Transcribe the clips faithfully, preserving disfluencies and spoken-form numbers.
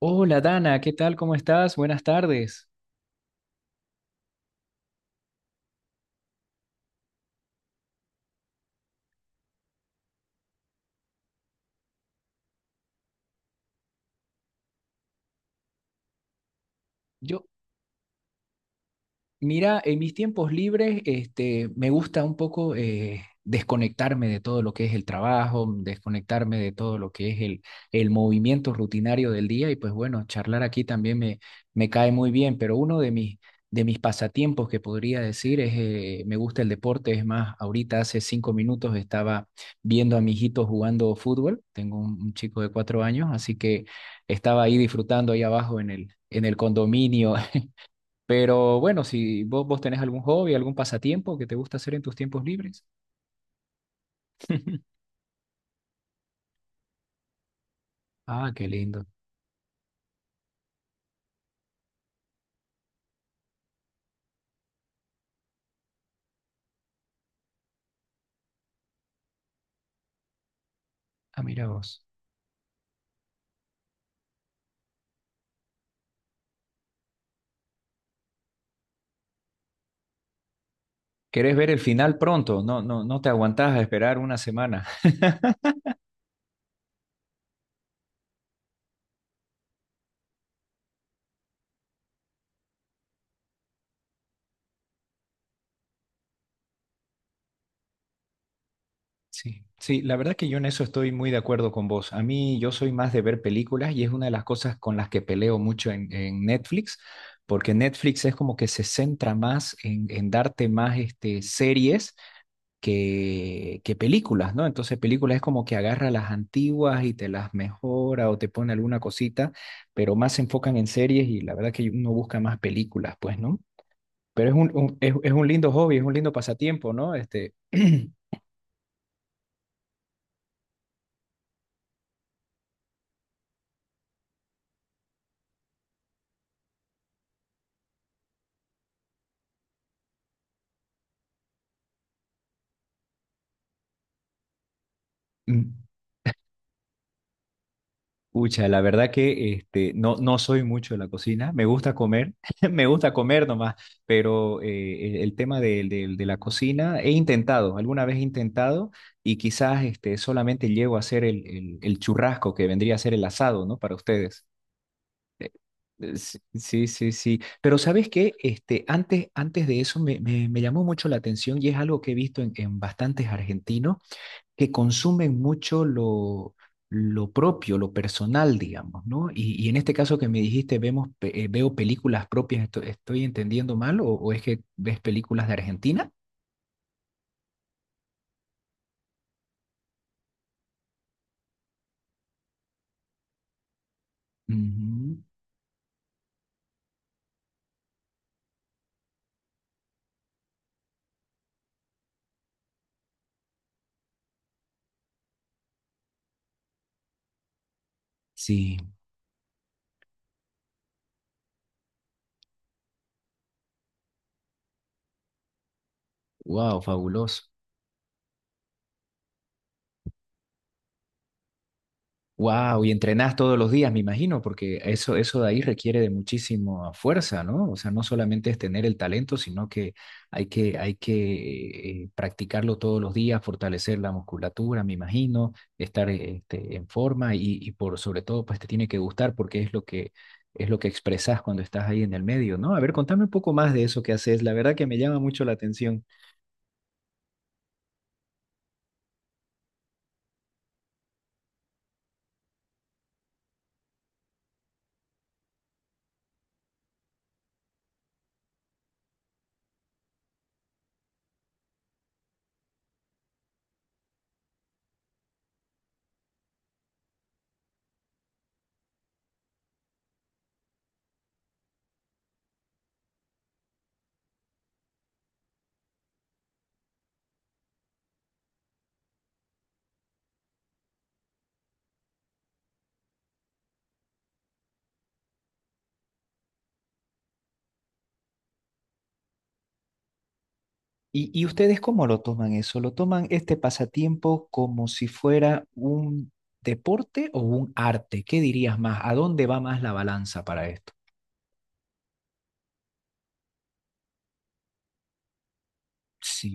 Hola Dana, ¿qué tal? ¿Cómo estás? Buenas tardes. Yo, mira, en mis tiempos libres, este, me gusta un poco eh, desconectarme de todo lo que es el trabajo, mm, desconectarme de todo lo que es el, el movimiento rutinario del día y pues bueno, charlar aquí también me, me cae muy bien, pero uno de mis, de mis pasatiempos que podría decir es, eh, me gusta el deporte, es más, ahorita hace cinco minutos estaba viendo a mi hijito jugando fútbol, tengo un, un chico de cuatro años, así que estaba ahí disfrutando ahí abajo en el, en el condominio. Pero bueno, si vos, vos tenés algún hobby, algún pasatiempo que te gusta hacer en tus tiempos libres. Ah, qué lindo. Ah, mira vos. ¿Querés ver el final pronto? No, no, no te aguantás a esperar una semana. Sí, sí, la verdad que yo en eso estoy muy de acuerdo con vos. A mí yo soy más de ver películas y es una de las cosas con las que peleo mucho en, en Netflix, porque Netflix es como que se centra más en, en darte más este, series que, que películas, ¿no? Entonces películas es como que agarra las antiguas y te las mejora o te pone alguna cosita, pero más se enfocan en series y la verdad que uno busca más películas, pues, ¿no? Pero es un, un- es, es un lindo hobby, es un lindo pasatiempo, ¿no? Este, pucha, la verdad que este, no, no soy mucho de la cocina, me gusta comer, me gusta comer nomás, pero eh, el, el tema de, de- de la cocina he intentado, alguna vez he intentado y quizás este, solamente llego a hacer el, el, el churrasco que vendría a ser el asado, ¿no? Para ustedes. Eh, Sí, sí, sí, sí. Pero ¿sabes qué? Este, antes, antes de eso me, me, me llamó mucho la atención y es algo que he visto en, en bastantes argentinos que consumen mucho lo, lo propio, lo personal, digamos, ¿no? Y, y en este caso que me dijiste, vemos, pe- eh, veo películas propias, ¿esto- ¿estoy entendiendo mal o, o es que ves películas de Argentina? Ujú. Sí, wow, fabuloso. Wow, y entrenás todos los días, me imagino, porque eso, eso de ahí requiere de muchísima fuerza, ¿no? O sea, no solamente es tener el talento, sino que hay que, hay que eh, practicarlo todos los días, fortalecer la musculatura, me imagino, estar eh, este, en forma y, y por sobre todo, pues te tiene que gustar porque es lo que es lo que expresas cuando estás ahí en el medio, ¿no? A ver, contame un poco más de eso que haces. La verdad que me llama mucho la atención. ¿Y, y ustedes cómo lo toman eso? ¿Lo toman este pasatiempo como si fuera un deporte o un arte? ¿Qué dirías más? ¿A dónde va más la balanza para esto? Sí,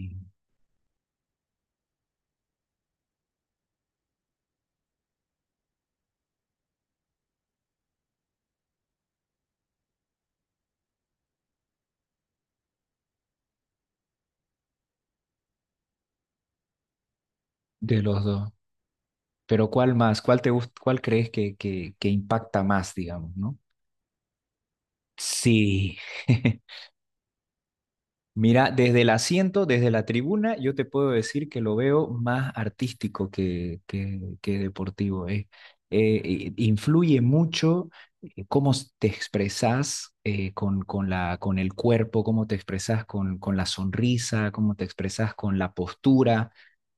de los dos. Pero ¿cuál más? ¿Cuál te gust- Cuál crees que, que, que impacta más, digamos, ¿no? Sí. Mira, desde el asiento, desde la tribuna, yo te puedo decir que lo veo más artístico que, que, que deportivo. eh. Eh, i- influye mucho eh, cómo s- te expresas eh, con, con la, con el cuerpo, cómo te expresas con, con la sonrisa, cómo te expresas con la postura.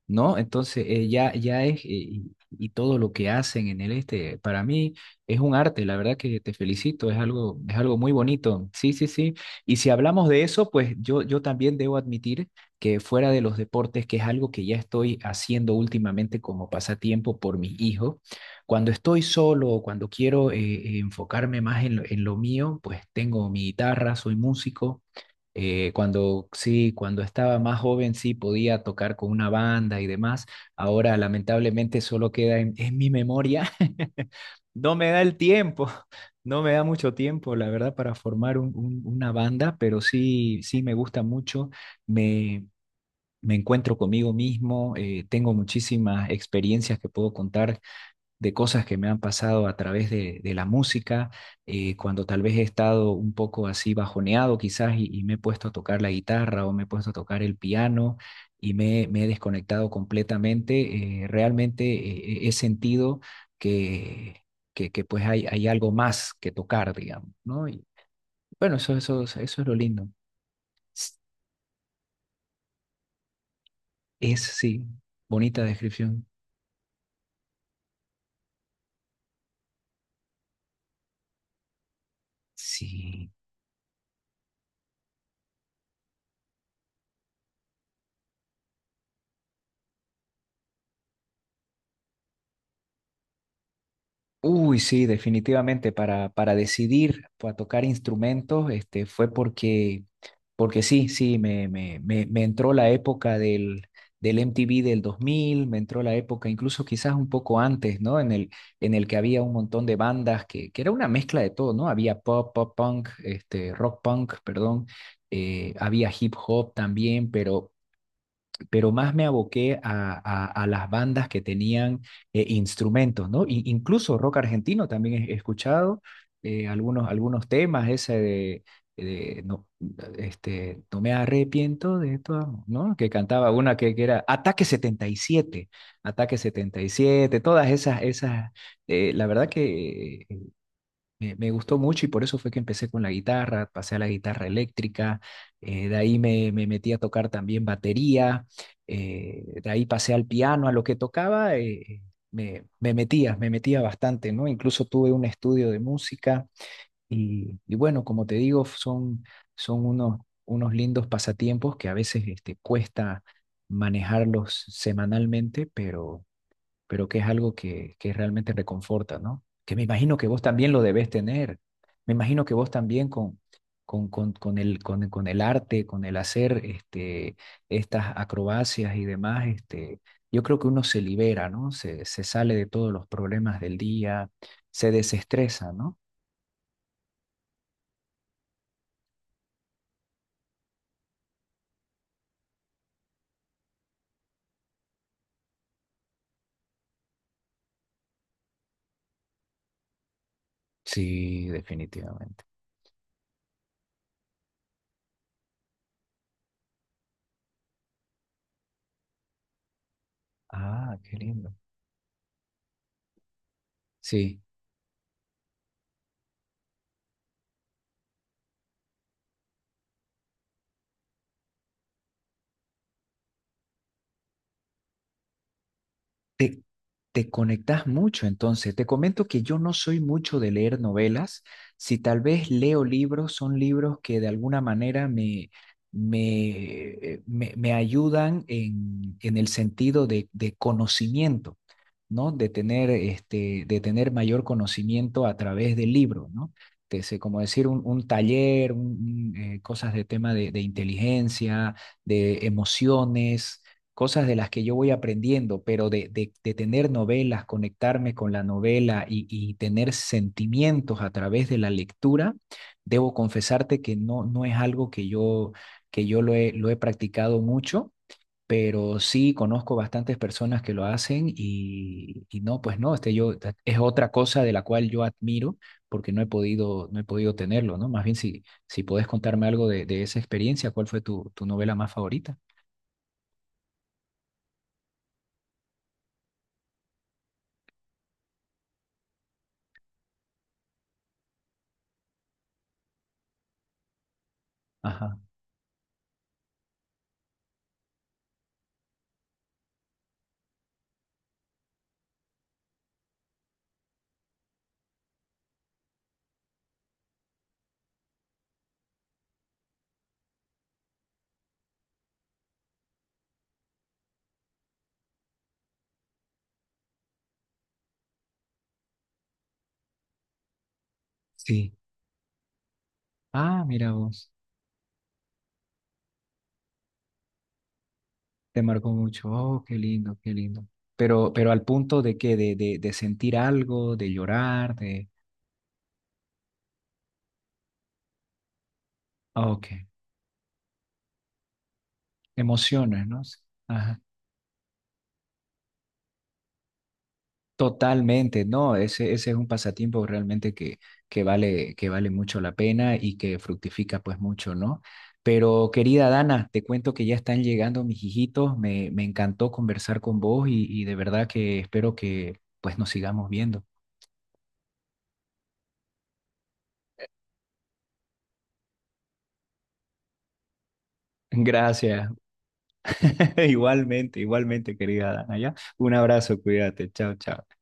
¿No? Entonces, eh, ya, ya es, eh, y, y todo lo que hacen en el este, para mí es un arte, la verdad que te felicito, es algo, es algo muy bonito, sí, sí, sí. Y si hablamos de eso, pues yo, yo también debo admitir que fuera de los deportes, que es algo que ya estoy haciendo últimamente como pasatiempo por mi hijo, cuando estoy solo o cuando quiero eh, eh, enfocarme más en lo, en lo mío, pues tengo mi guitarra, soy músico. Eh, cuando sí, cuando estaba más joven sí podía tocar con una banda y demás. Ahora lamentablemente solo queda en, en mi memoria. No me da el tiempo, no me da mucho tiempo, la verdad, para formar un- un- una banda, pero sí, sí me gusta mucho. Me, me encuentro conmigo mismo, eh, tengo muchísimas experiencias que puedo contar de cosas que me han pasado a través de, de la música, eh, cuando tal vez he estado un poco así bajoneado quizás y, y me he puesto a tocar la guitarra o me he puesto a tocar el piano y me, me he desconectado completamente, eh, realmente eh, he sentido que, que, que pues hay, hay algo más que tocar, digamos, ¿no? Y bueno, eso, eso, eso es lo lindo. Es, sí, bonita descripción. Sí. Uy, sí, definitivamente para, para decidir a tocar instrumentos, este, fue porque, porque sí, sí, me, me, me, me entró la época del, del M T V del dos mil me entró la época incluso quizás un poco antes, ¿no? En el, en el que había un montón de bandas que, que era una mezcla de todo, ¿no? Había pop, pop punk, este, rock punk, perdón, eh, había hip hop también, pero pero más me aboqué a, a- a las bandas que tenían eh, instrumentos, ¿no? I- incluso rock argentino también he he escuchado eh, algunos, algunos temas, ese de, de no, este, no me arrepiento de tu amor, ¿no? Que cantaba una que, que era Ataque setenta y siete, Ataque setenta y siete, todas esas, esas, eh, la verdad que me, me gustó mucho y por eso fue que empecé con la guitarra, pasé a la guitarra eléctrica, eh, de ahí me, me metí a tocar también batería, eh, de ahí pasé al piano, a lo que tocaba, eh, me, me metía, me metía bastante, ¿no? Incluso tuve un estudio de música y, y bueno, como te digo, son, son unos, unos lindos pasatiempos que a veces este, cuesta manejarlos semanalmente, pero pero que es algo que, que realmente reconforta, ¿no? Que me imagino que vos también lo debes tener. Me imagino que vos también con, con, con, con el, con, con el arte, con el hacer este, estas acrobacias y demás, este, yo creo que uno se libera, ¿no? Se, se sale de todos los problemas del día, se desestresa, ¿no? Sí, definitivamente. Ah, qué lindo. Sí. Te, te conectas mucho, entonces. Te comento que yo no soy mucho de leer novelas. Si tal vez leo libros, son libros que de alguna manera me, me, eh, me, me ayudan en, en el sentido de, de conocimiento, ¿no? De tener, este, de tener mayor conocimiento a través del libro, ¿no? Te sé, como decir, un, un taller, un- un, eh, cosas de tema de, de inteligencia, de emociones, cosas de las que yo voy aprendiendo, pero de, de, de tener novelas, conectarme con la novela y, y tener sentimientos a través de la lectura, debo confesarte que no, no es algo que yo, que yo lo he, lo he practicado mucho. Pero sí conozco bastantes personas que lo hacen y, y no, pues no, este yo, es otra cosa de la cual yo admiro porque no he podido, no he podido tenerlo, ¿no? Más bien si, si podés contarme algo de, de esa experiencia, ¿cuál fue tu, tu novela más favorita? Ajá, sí. Ah, mira vos, te marcó mucho. Oh, qué lindo, qué lindo. Pero, pero al punto de que de, de, de sentir algo, de llorar, de... Ah, ok, emociones, ¿no? Ajá. Totalmente, no, ese, ese es un pasatiempo realmente que, que vale, que vale mucho la pena y que fructifica pues mucho, ¿no? Pero querida Dana, te cuento que ya están llegando mis hijitos, me, me encantó conversar con vos y, y de verdad que espero que pues nos sigamos viendo. Gracias. Igualmente, igualmente, querida Dana, ¿ya? Un abrazo, cuídate, chao, chao.